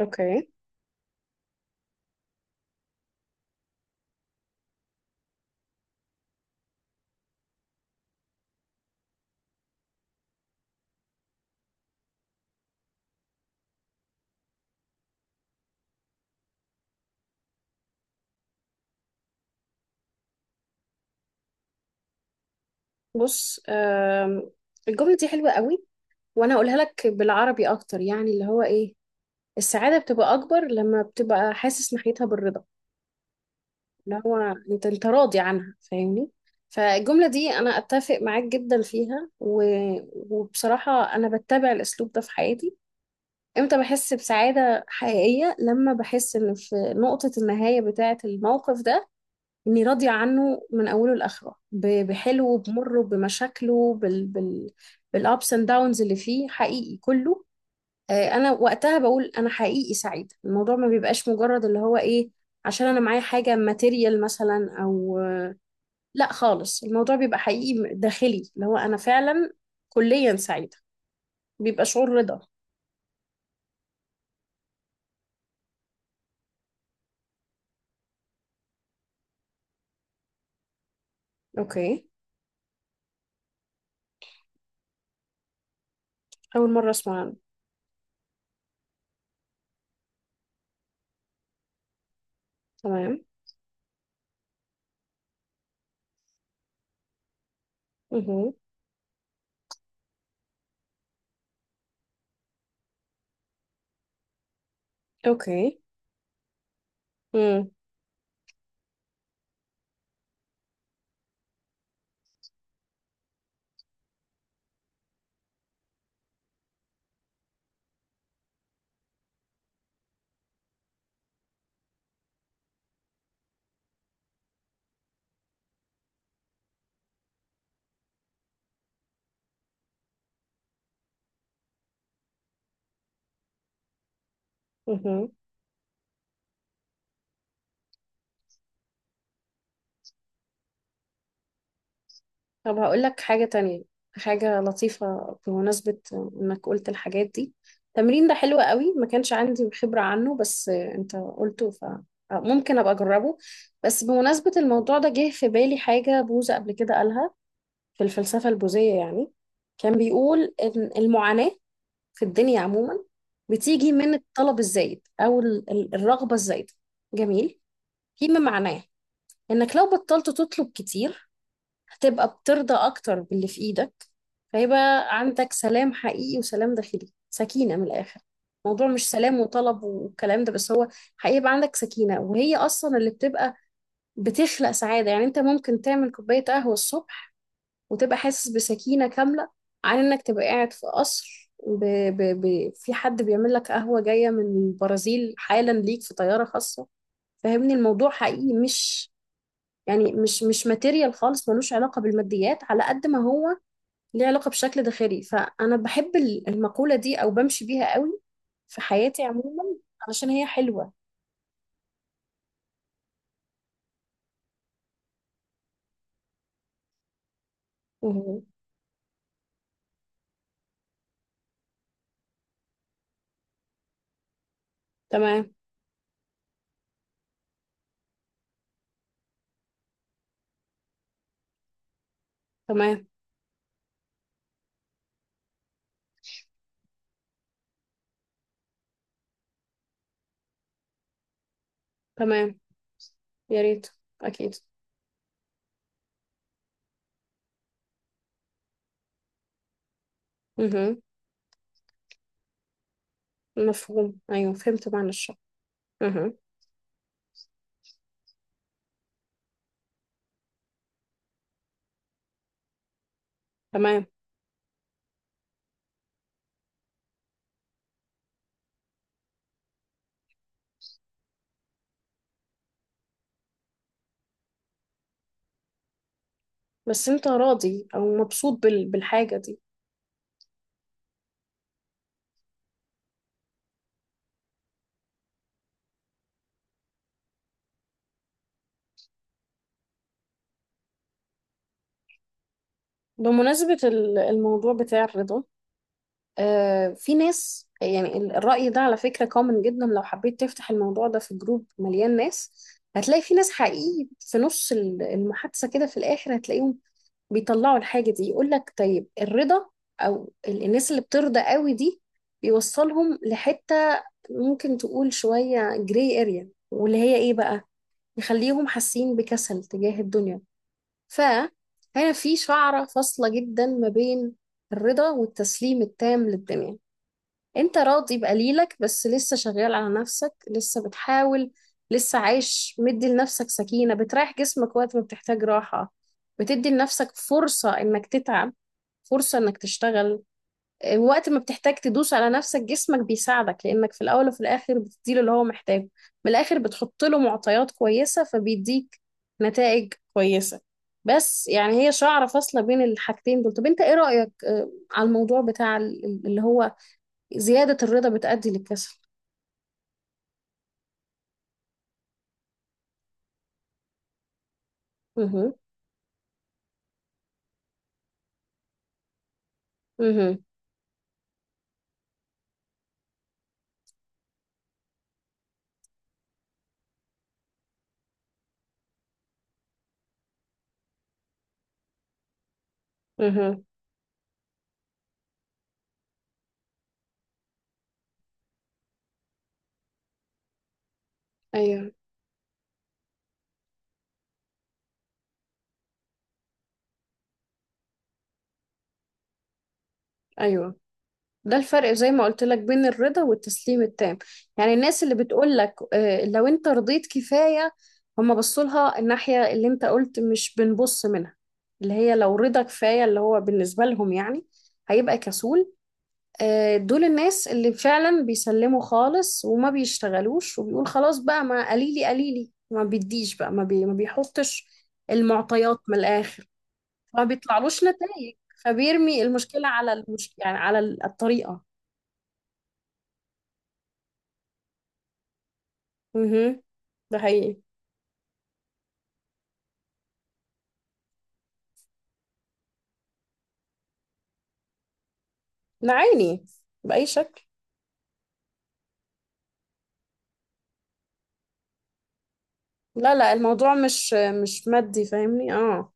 اوكي. بص، الجملة دي حلوة قوي وانا هقولها لك بالعربي اكتر، يعني اللي هو ايه السعادة بتبقى اكبر لما بتبقى حاسس ناحيتها بالرضا، اللي هو انت راضي عنها، فاهمني؟ فالجملة دي انا اتفق معاك جدا فيها وبصراحة انا بتبع الاسلوب ده في حياتي. امتى بحس بسعادة حقيقية؟ لما بحس ان في نقطة النهاية بتاعة الموقف ده اني راضيه عنه من اوله لاخره، بحلوه بمره بمشاكله بال بالابس اند داونز اللي فيه، حقيقي كله. انا وقتها بقول انا حقيقي سعيده. الموضوع ما بيبقاش مجرد اللي هو ايه عشان انا معايا حاجه ماتيريال مثلا، او آه، لا خالص، الموضوع بيبقى حقيقي داخلي، اللي هو انا فعلا كليا سعيده. بيبقى شعور رضا. اوكي، اول مره اسمع عنه. تمام. مهم. اوكي امم طب هقول لك حاجة تانية، حاجة لطيفة بمناسبة إنك قلت الحاجات دي. التمرين ده حلو قوي، ما كانش عندي خبرة عنه، بس أنت قلته فممكن أبقى أجربه. بس بمناسبة الموضوع ده جه في بالي حاجة بوذا قبل كده قالها في الفلسفة البوذية، يعني كان بيقول إن المعاناة في الدنيا عموما بتيجي من الطلب الزايد، أو الرغبة الزايدة. جميل. فيما معناه إنك لو بطلت تطلب كتير، هتبقى بترضى أكتر باللي في إيدك، فيبقى عندك سلام حقيقي وسلام داخلي، سكينة من الآخر. الموضوع مش سلام وطلب والكلام ده، بس هو حقيقي يبقى عندك سكينة، وهي أصلا اللي بتبقى بتخلق سعادة. يعني أنت ممكن تعمل كوباية قهوة الصبح وتبقى حاسس بسكينة كاملة عن إنك تبقى قاعد في قصر في حد بيعمل لك قهوة جاية من البرازيل حالا ليك في طيارة خاصة. فاهمني؟ الموضوع حقيقي مش يعني مش مش ماتيريال خالص، ملوش علاقة بالماديات على قد ما هو ليه علاقة بشكل داخلي. فأنا بحب المقولة دي أو بمشي بيها قوي في حياتي عموما، علشان هي حلوة. مهم. تمام. تمام. تمام. يا ريت. أكيد. مهم. مفهوم، أيوه، فهمت معنى الشعر. مهم. تمام. بس أنت راضي أو مبسوط بالحاجة دي. بمناسبة الموضوع بتاع الرضا، في ناس يعني الرأي ده على فكرة كومن جدا. لو حبيت تفتح الموضوع ده في جروب مليان ناس، هتلاقي في ناس حقيقي في نص المحادثة، كده في الآخر هتلاقيهم بيطلعوا الحاجة دي، يقول لك طيب الرضا أو الناس اللي بترضى قوي دي بيوصلهم لحتة ممكن تقول شوية جراي اريا، واللي هي ايه بقى، يخليهم حاسين بكسل تجاه الدنيا. فهنا في شعرة فاصلة جدا ما بين الرضا والتسليم التام للدنيا. انت راضي بقليلك، بس لسه شغال على نفسك، لسه بتحاول، لسه عايش، مدي لنفسك سكينة بتريح جسمك وقت ما بتحتاج راحة، بتدي لنفسك فرصة انك تتعب، فرصة انك تشتغل. اه، وقت ما بتحتاج تدوس على نفسك جسمك بيساعدك، لانك في الاول وفي الاخر بتديله اللي هو محتاجه. من الاخر بتحط له معطيات كويسة فبيديك نتائج كويسة. بس يعني هي شعرة فاصلة بين الحاجتين دول. طب انت ايه رأيك على الموضوع بتاع اللي هو زيادة الرضا بتؤدي للكسل؟ مهم. مهم. مهم. أيوه. أيوه، ده الفرق زي ما قلت لك بين الرضا والتسليم التام. يعني الناس اللي بتقول لك لو أنت رضيت كفاية، هم بصوا لها الناحية اللي أنت قلت مش بنبص منها، اللي هي لو رضا كفاية اللي هو بالنسبة لهم يعني هيبقى كسول. دول الناس اللي فعلا بيسلموا خالص وما بيشتغلوش، وبيقول خلاص بقى، ما قليلي قليلي، ما بيديش بقى، ما بيحطش المعطيات من الآخر، ما بيطلعلوش نتائج، فبيرمي المشكلة على يعني على الطريقة. مهم. ده حقيقي. ده عيني، بأي شكل. لا الموضوع مش مادي، فاهمني؟ اه.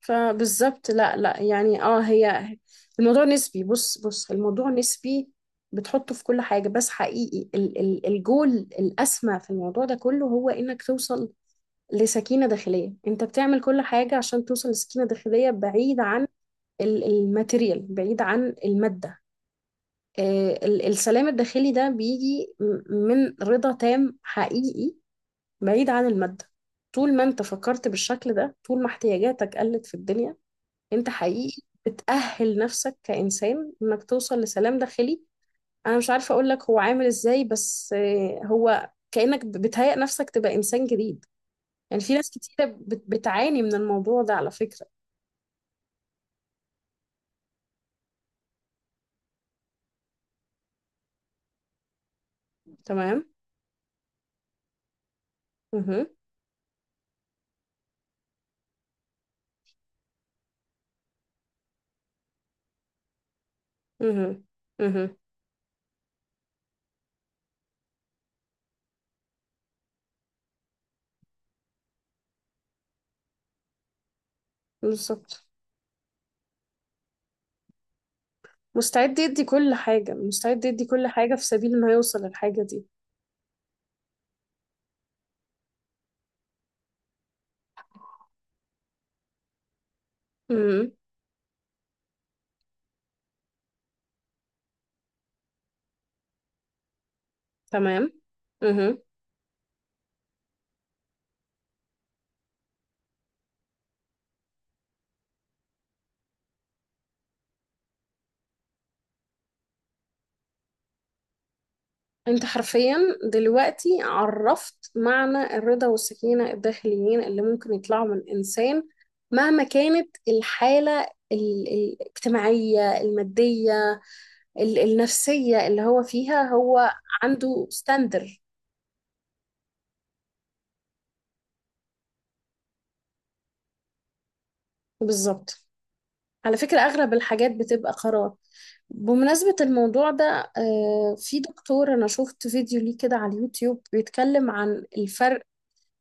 فبالظبط. لا يعني اه، هي الموضوع نسبي. بص، بص، الموضوع نسبي، بتحطه في كل حاجة. بس حقيقي ال الجول الأسمى في الموضوع ده كله هو إنك توصل لسكينة داخلية. أنت بتعمل كل حاجة عشان توصل لسكينة داخلية بعيد عن الماتيريال، بعيد عن المادة. السلام الداخلي ده بيجي من رضا تام حقيقي بعيد عن المادة. طول ما انت فكرت بالشكل ده، طول ما احتياجاتك قلت في الدنيا، انت حقيقي بتأهل نفسك كإنسان انك توصل لسلام داخلي. انا مش عارفة اقول لك هو عامل ازاي، بس هو كأنك بتهيئ نفسك تبقى إنسان جديد. يعني في ناس كتيرة بتعاني من الموضوع ده على فكرة. تمام. مهم. مهم. مهم. بالظبط. مستعد يدي كل حاجة، مستعد يدي كل حاجة في سبيل انه يوصل للحاجة دي. امم. تمام. امم. انت حرفيا دلوقتي عرفت معنى الرضا والسكينة الداخليين اللي ممكن يطلعوا من انسان مهما كانت الحالة الاجتماعية، المادية، النفسية اللي هو فيها. هو عنده ستاندر. بالظبط. على فكرة أغلب الحاجات بتبقى قرار. بمناسبة الموضوع ده، في دكتور أنا شفت فيديو ليه كده على اليوتيوب بيتكلم عن الفرق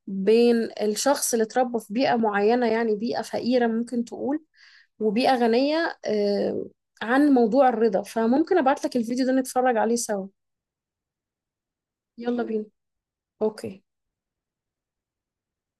بين الشخص اللي اتربى في بيئة معينة، يعني بيئة فقيرة ممكن تقول، وبيئة غنية، عن موضوع الرضا. فممكن أبعت لك الفيديو ده نتفرج عليه سوا. يلا بينا. أوكي.